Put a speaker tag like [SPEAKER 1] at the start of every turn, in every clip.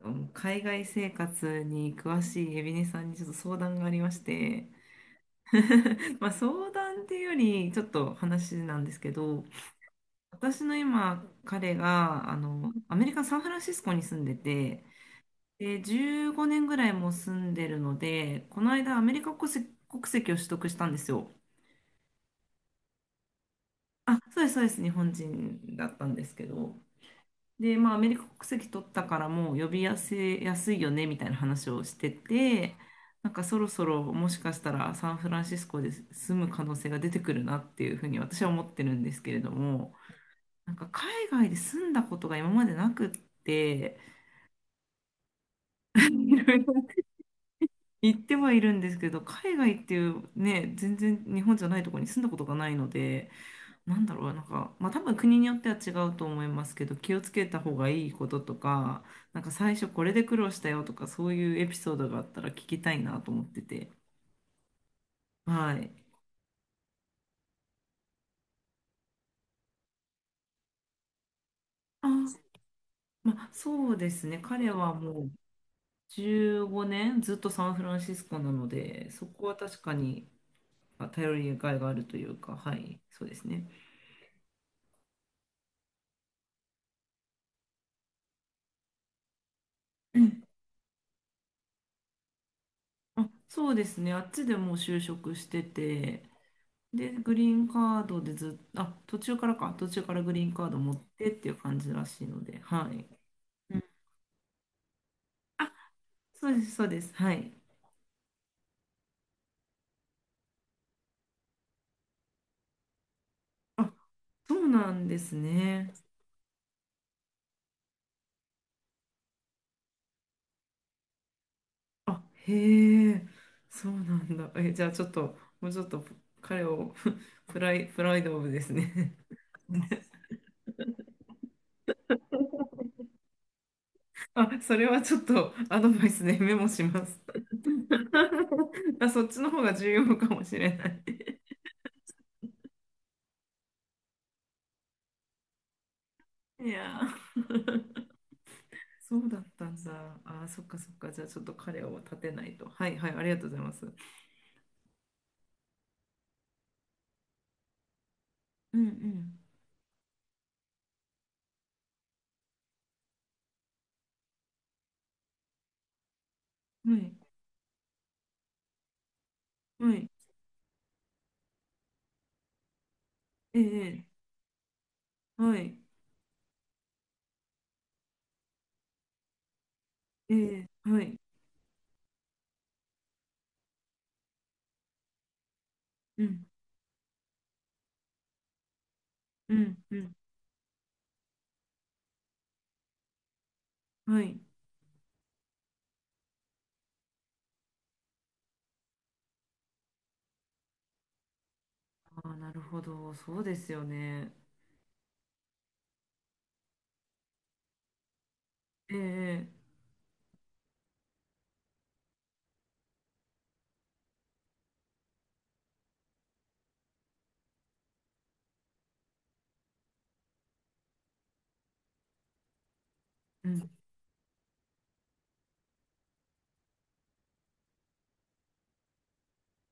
[SPEAKER 1] うん海外生活に詳しいエビネさんにちょっと相談がありまして、 まあ相談っていうよりちょっと話なんですけど、私の今彼がアメリカ・サンフランシスコに住んでて、で15年ぐらいもう住んでるので、この間アメリカ国籍、国籍を取得したんですよ。あ、そうですそうです、日本人だったんですけど、で、まあ、アメリカ国籍取ったからもう呼び寄せやすいよねみたいな話をしてて、なんかそろそろもしかしたらサンフランシスコで住む可能性が出てくるなっていうふうに私は思ってるんですけれども、なんか海外で住んだことが今までなくって、いろいろ言ってはいるんですけど、海外っていうね、全然日本じゃないところに住んだことがないので、なんだろう、なんか、まあ多分国によっては違うと思いますけど、気をつけた方がいいこととか、なんか最初これで苦労したよとか、そういうエピソードがあったら聞きたいなと思ってて。はい。あ、まあそうですね。彼はもう15年ずっとサンフランシスコなので、そこは確かに頼りがいがあるというか、はい、そうですね。うんあ、そうですね。あっちでもう就職してて、で、グリーンカードでずっと、あ、途中からか、途中からグリーンカード持ってっていう感じらしいので、はい。うん。そうです、そうです。はい。あ、そうなんですね。あ、へえ、そうなんだ。え、じゃあちょっと、もうちょっと彼を、 プライドオブですね。あ、それはちょっとアドバイスでメモします。あ、そっちの方が重要かもしれない。いやー、そうだったんだ。あー、そっかそっか。じゃあちょっと彼を立てないと。はいはい、ありがとうございます。うんうん。はい、はい、ええ、はい、ええ、はい、うん、うん、うん、はい。ああ、なるほど。そうですよね。ええ、うん。い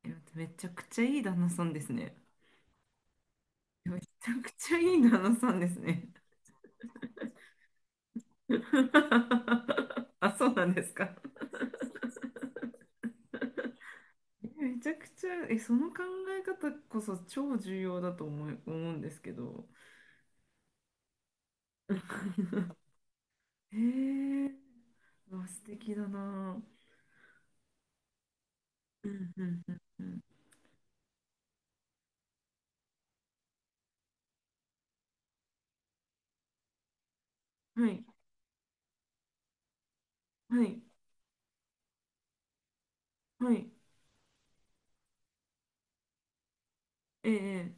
[SPEAKER 1] や、めちゃくちゃいい旦那さんですね。めちゃくちゃいい旦那さんですね。あ、そうなんですか。めちゃくちゃ、え、その考え方こそ超重要だと思うんですけど。へえー、わ素敵だな。うんうんうんうん。はい、はい、はい、ええ、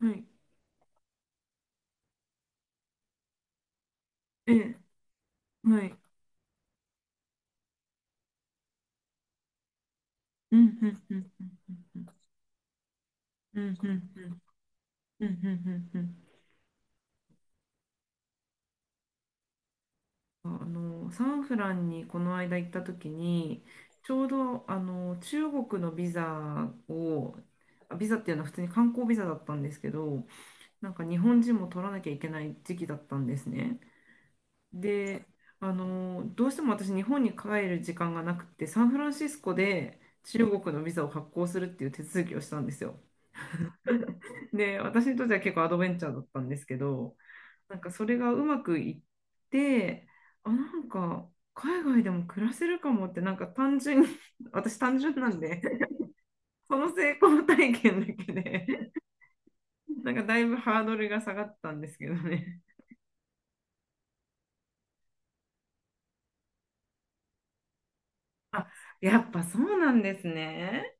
[SPEAKER 1] はい、ええ、はい。うんうんうんうんうんうんうんうんうんうんうんうん、あのサンフランにこの間行った時にちょうど中国のビザを、あビザっていうのは普通に観光ビザだったんですけど、なんか日本人も取らなきゃいけない時期だったんですね。で、どうしても私、日本に帰る時間がなくて、サンフランシスコで中国のビザを発行するっていう手続きをしたんですよ。で、私にとっては結構アドベンチャーだったんですけど、なんかそれがうまくいって、あ、なんか海外でも暮らせるかもって、なんか単純に、 私単純なんで、その成功体験だけで、なんかだいぶハードルが下がったんですけどね。あ、やっぱそうなんですね。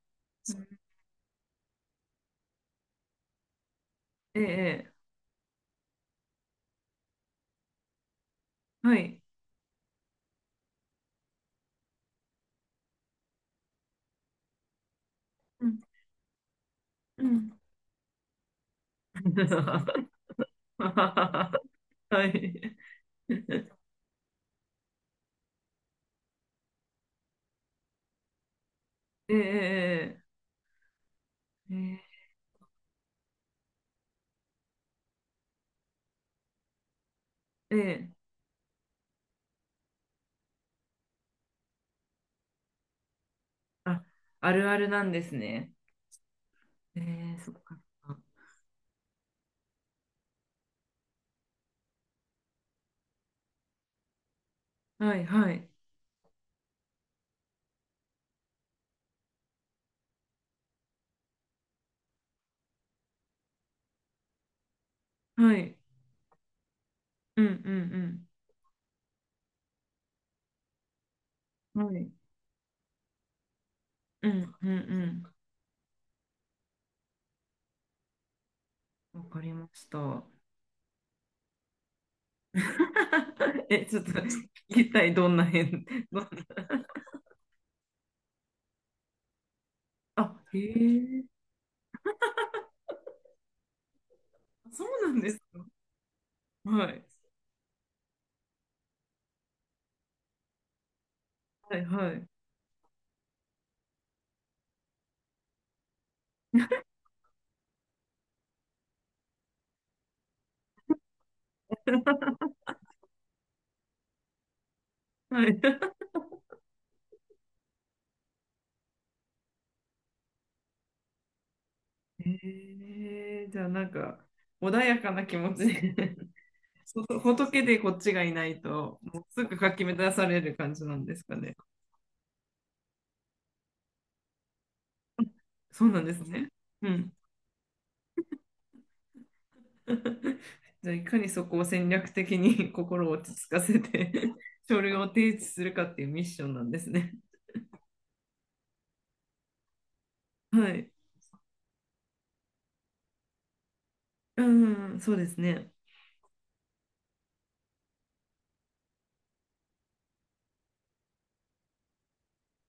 [SPEAKER 1] ええ、ええはい。うん。うん。はい。ええええええ、あ、あるあるなんですね。ええそっか。はいはい。はい。うんうんうん。はい。うんうんうん。わかりました。え、ちょっと聞きたい、どんな変、どんな、あ、へえ、そうなんですか。はい。はいはい。はい。ええじゃあなんか、穏やかな気持ちでほと仏でこっちがいないと、もうすぐかき乱される感じなんですかね。そうなんですね。うん。じゃあ、いかにそこを戦略的に、 心を落ち着かせて、 書類を提出するかっていうミッションなんですね。はい。うん、そうですね。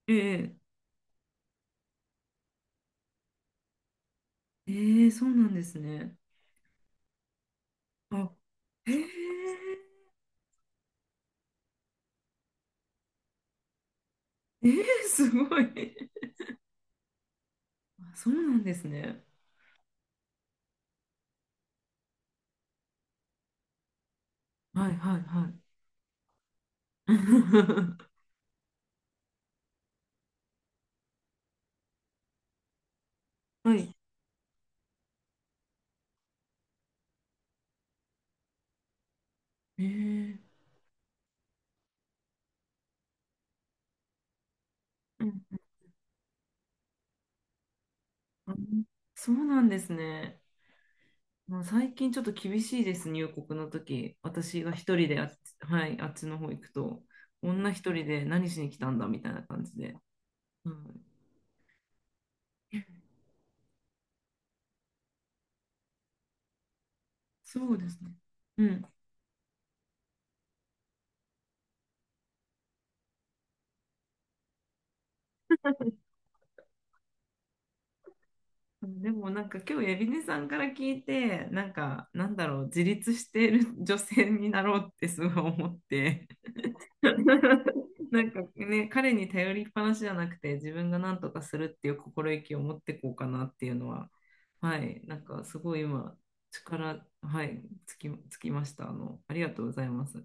[SPEAKER 1] ええええそうなんですね。あ、ええええすごい。あそうなんですね。はいはいはい。はい。ええうんうんそうなんですね。もう最近ちょっと厳しいですね、入国の時。私が一人であっち、はい、あっちの方行くと、女一人で何しに来たんだみたいな感じで。うん、そうですね。うん。でもなんか今日、エビネさんから聞いて、なんか、なんだろう、自立している女性になろうってすごい思って。なんかね、彼に頼りっぱなしじゃなくて、自分が何とかするっていう心意気を持っていこうかなっていうのは、はい、なんかすごい今、力、はい、つきました。あの、ありがとうございます。